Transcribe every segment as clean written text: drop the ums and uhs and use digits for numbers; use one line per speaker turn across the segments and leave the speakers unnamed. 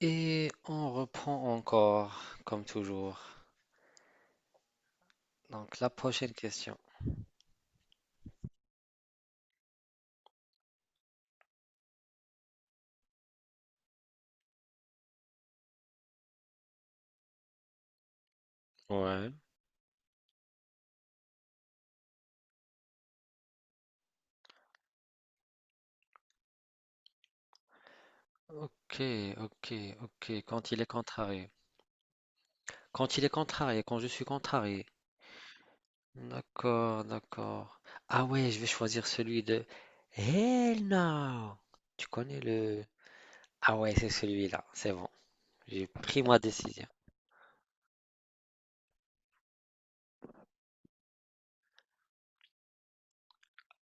Et on reprend encore, comme toujours. Donc, la prochaine question. Ouais. Ok, ok, ok. Quand il est contrarié. Quand il est contrarié, quand je suis contrarié. D'accord, d'accord. Ah ouais, je vais choisir celui de Hell no! Tu connais le... Ah ouais, c'est celui-là. C'est bon. J'ai pris ma décision.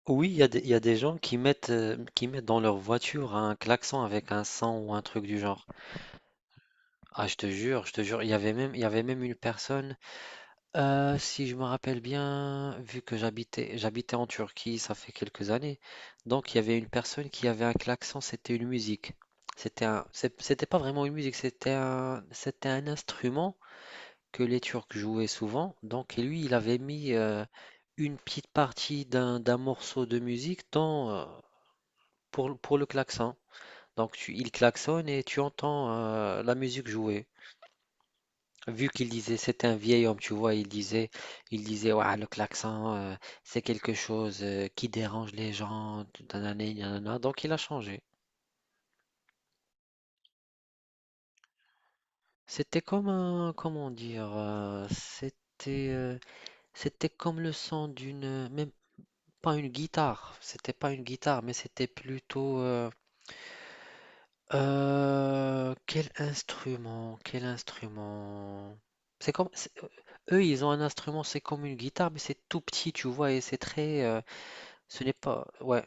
Oui, il y a des gens qui mettent dans leur voiture un klaxon avec un son ou un truc du genre. Ah, je te jure, il y avait même une personne, si je me rappelle bien, vu que j'habitais en Turquie, ça fait quelques années, donc il y avait une personne qui avait un klaxon, c'était une musique. C'était pas vraiment une musique, c'était un instrument que les Turcs jouaient souvent, donc et lui, il avait mis une petite partie d'un morceau de musique pour le klaxon. Donc il klaxonne et tu entends la musique jouer. Vu qu'il disait, c'était un vieil homme, tu vois, il disait, ouais, le klaxon, c'est quelque chose qui dérange les gens, tout nanani, nanana, donc il a changé. Comment dire, c'était comme le son d'une, même pas une guitare, c'était pas une guitare, mais c'était plutôt, quel instrument. C'est comme, c'est- eux, ils ont un instrument, c'est comme une guitare, mais c'est tout petit, tu vois, et c'est très, ce n'est pas. Ouais,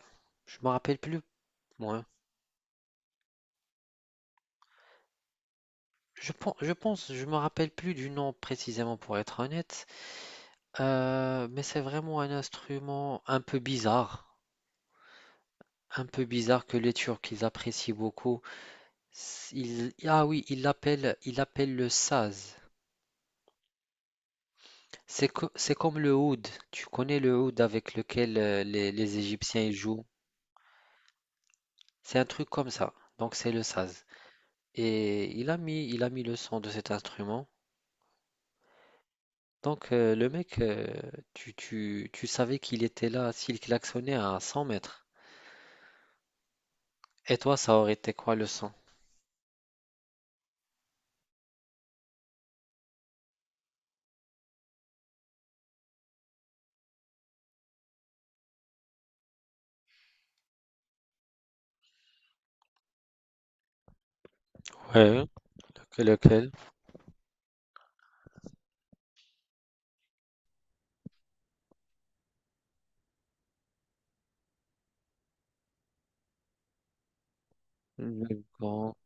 je me rappelle plus, moi. Je pense, je me rappelle plus du nom précisément pour être honnête. Mais c'est vraiment un instrument un peu bizarre, que les Turcs ils apprécient beaucoup. Ils, ah oui, ils l'appellent le saz. C'est comme le oud. Tu connais le oud avec lequel les Égyptiens ils jouent. C'est un truc comme ça. Donc c'est le saz. Et il a mis le son de cet instrument. Donc, le mec, tu savais qu'il était là s'il klaxonnait à 100 mètres. Et toi, ça aurait été quoi le son? Ouais, lequel? Le grand,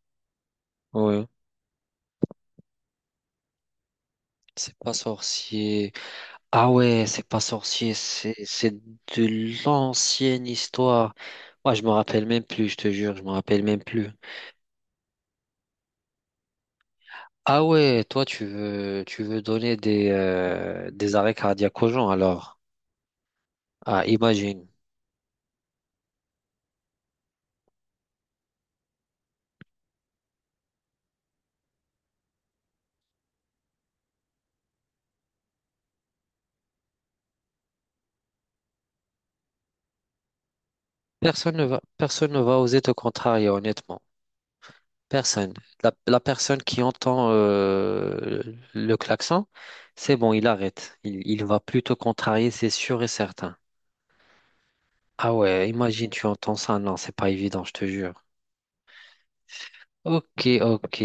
ouais. C'est pas sorcier. Ah ouais, c'est pas sorcier, c'est de l'ancienne histoire. Moi, je me rappelle même plus, je te jure, je me rappelle même plus. Ah ouais, toi, tu veux donner des arrêts cardiaques aux gens, alors. Ah, imagine. Personne ne va oser te contrarier, honnêtement. Personne. La personne qui entend le klaxon, c'est bon, il arrête. Il va plutôt contrarier, c'est sûr et certain. Ah ouais, imagine tu entends ça. Non, c'est pas évident, je te jure. Ok, ok.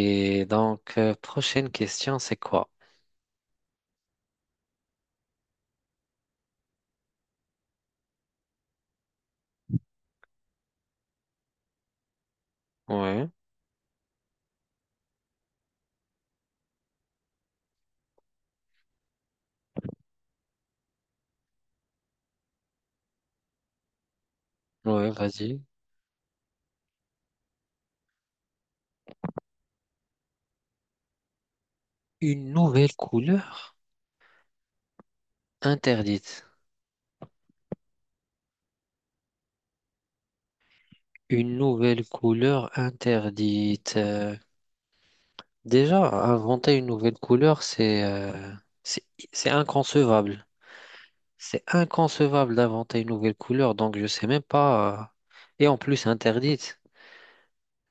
Donc, prochaine question, c'est quoi? Ouais, ouais, vas-y. Une nouvelle couleur interdite. Une nouvelle couleur interdite. Déjà, inventer une nouvelle couleur, c'est c'est inconcevable. C'est inconcevable d'inventer une nouvelle couleur, donc je sais même pas. Et en plus interdite.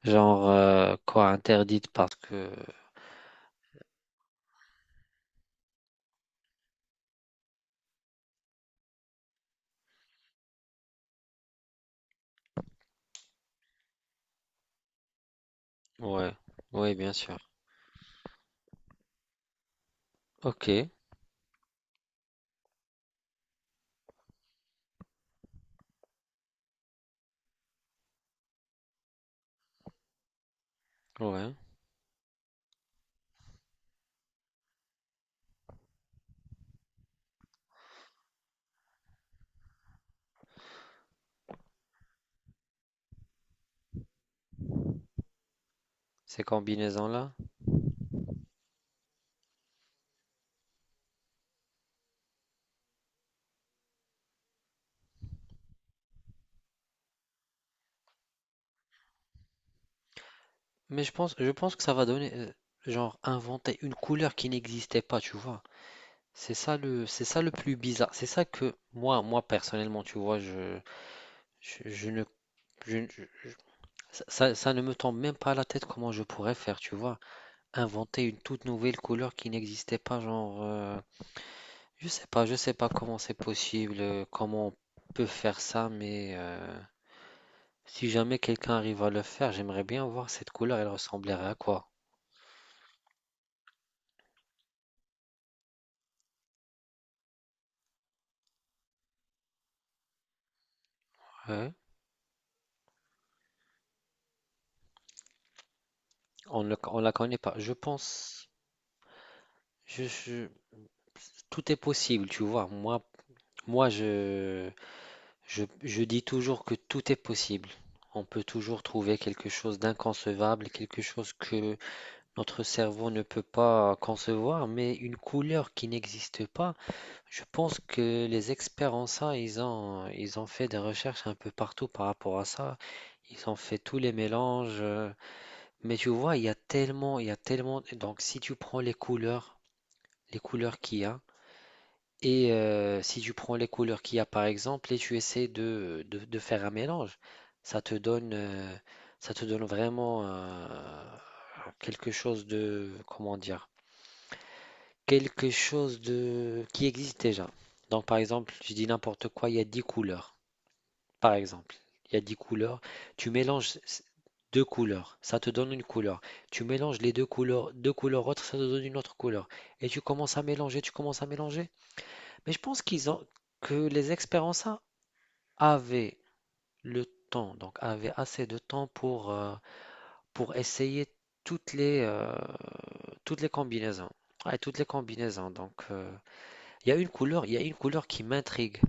Genre quoi, interdite parce que. Ouais, ouais, bien sûr. Ok, ouais. Ces combinaisons-là. Mais je pense que ça va donner, genre inventer une couleur qui n'existait pas, tu vois. C'est ça le plus bizarre. C'est ça que moi personnellement, tu vois, je ne, je- ça ne me tombe même pas à la tête comment je pourrais faire, tu vois. Inventer une toute nouvelle couleur qui n'existait pas, genre, je sais pas comment c'est possible, comment on peut faire ça, mais si jamais quelqu'un arrive à le faire, j'aimerais bien voir cette couleur, elle ressemblerait à quoi? Ouais. On la connaît pas. Je pense, je, je- tout est possible, tu vois. Moi, je dis toujours que tout est possible. On peut toujours trouver quelque chose d'inconcevable, quelque chose que notre cerveau ne peut pas concevoir, mais une couleur qui n'existe pas, je pense que les experts en ça, ils ont fait des recherches un peu partout par rapport à ça. Ils ont fait tous les mélanges. Mais tu vois, il y a tellement, il y a tellement. Donc, si tu prends les couleurs qu'il y a, et si tu prends les couleurs qu'il y a, par exemple, et tu essaies de faire un mélange, ça te donne, euh, ça te donne vraiment quelque chose de, comment dire? Quelque chose de qui existe déjà. Donc par exemple, je dis n'importe quoi, il y a 10 couleurs. Par exemple, il y a 10 couleurs. Tu mélanges deux couleurs, ça te donne une couleur. Tu mélanges les deux couleurs autres, ça te donne une autre couleur. Et tu commences à mélanger, tu commences à mélanger. Mais je pense qu'ils ont que les experts avaient le temps, donc avaient assez de temps pour essayer toutes les, euh, toutes les combinaisons. Ouais, toutes les combinaisons. Donc, il y a une couleur, il y a une couleur, qui m'intrigue.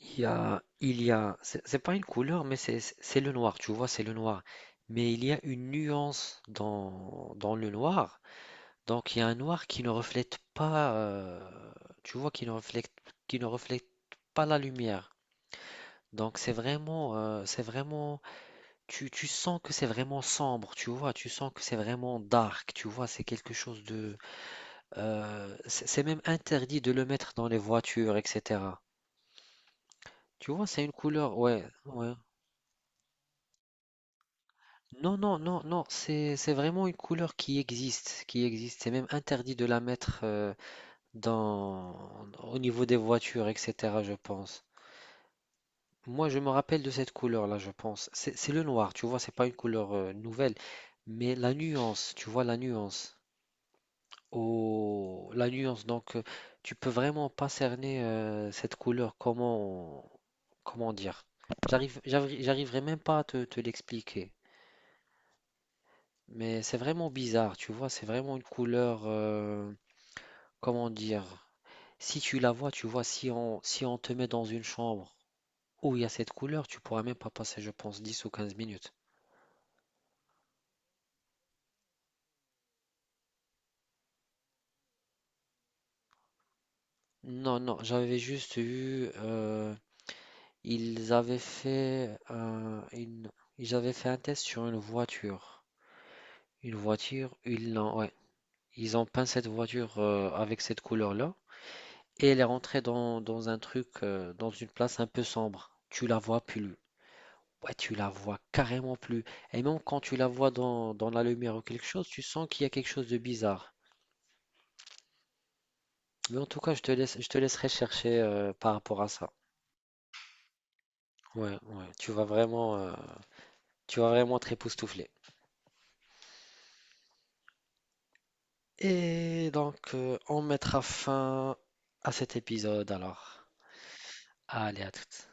C'est pas une couleur, mais le noir, tu vois, c'est le noir. Mais il y a une nuance dans le noir. Donc il y a un noir qui ne reflète pas, tu vois, qui ne reflète pas la lumière. Donc tu sens que c'est vraiment sombre, tu vois, tu sens que c'est vraiment dark, tu vois, c'est quelque chose de, c'est même interdit de le mettre dans les voitures, etc. Tu vois, c'est une couleur, ouais, ouais. Non, non, non, non, c'est vraiment une couleur qui existe, qui existe. C'est même interdit de la mettre dans au niveau des voitures, etc. Je pense. Moi, je me rappelle de cette couleur-là, je pense. C'est le noir, tu vois, c'est pas une couleur nouvelle, mais la nuance, tu vois, la nuance. Oh, la nuance. Donc, tu peux vraiment pas cerner cette couleur. Comment dire? J'arriverai même pas à te l'expliquer. Mais c'est vraiment bizarre, tu vois, c'est vraiment une couleur, comment dire, si tu la vois, tu vois, si on te met dans une chambre où il y a cette couleur, tu pourras même pas passer, je pense, 10 ou 15 minutes. Non, non, j'avais juste eu, ils avaient fait, un- une, ils avaient fait un test sur une voiture. Une voiture, ouais, ils ont peint cette voiture avec cette couleur-là, et elle est rentrée dans un truc, dans une place un peu sombre. Tu la vois plus, ouais, tu la vois carrément plus. Et même quand tu la vois dans la lumière ou quelque chose, tu sens qu'il y a quelque chose de bizarre. Mais en tout cas, je te laisserai chercher par rapport à ça. Ouais, ouais, tu vas vraiment te époustoufler. Et donc, on mettra fin à cet épisode alors. Allez, à toutes.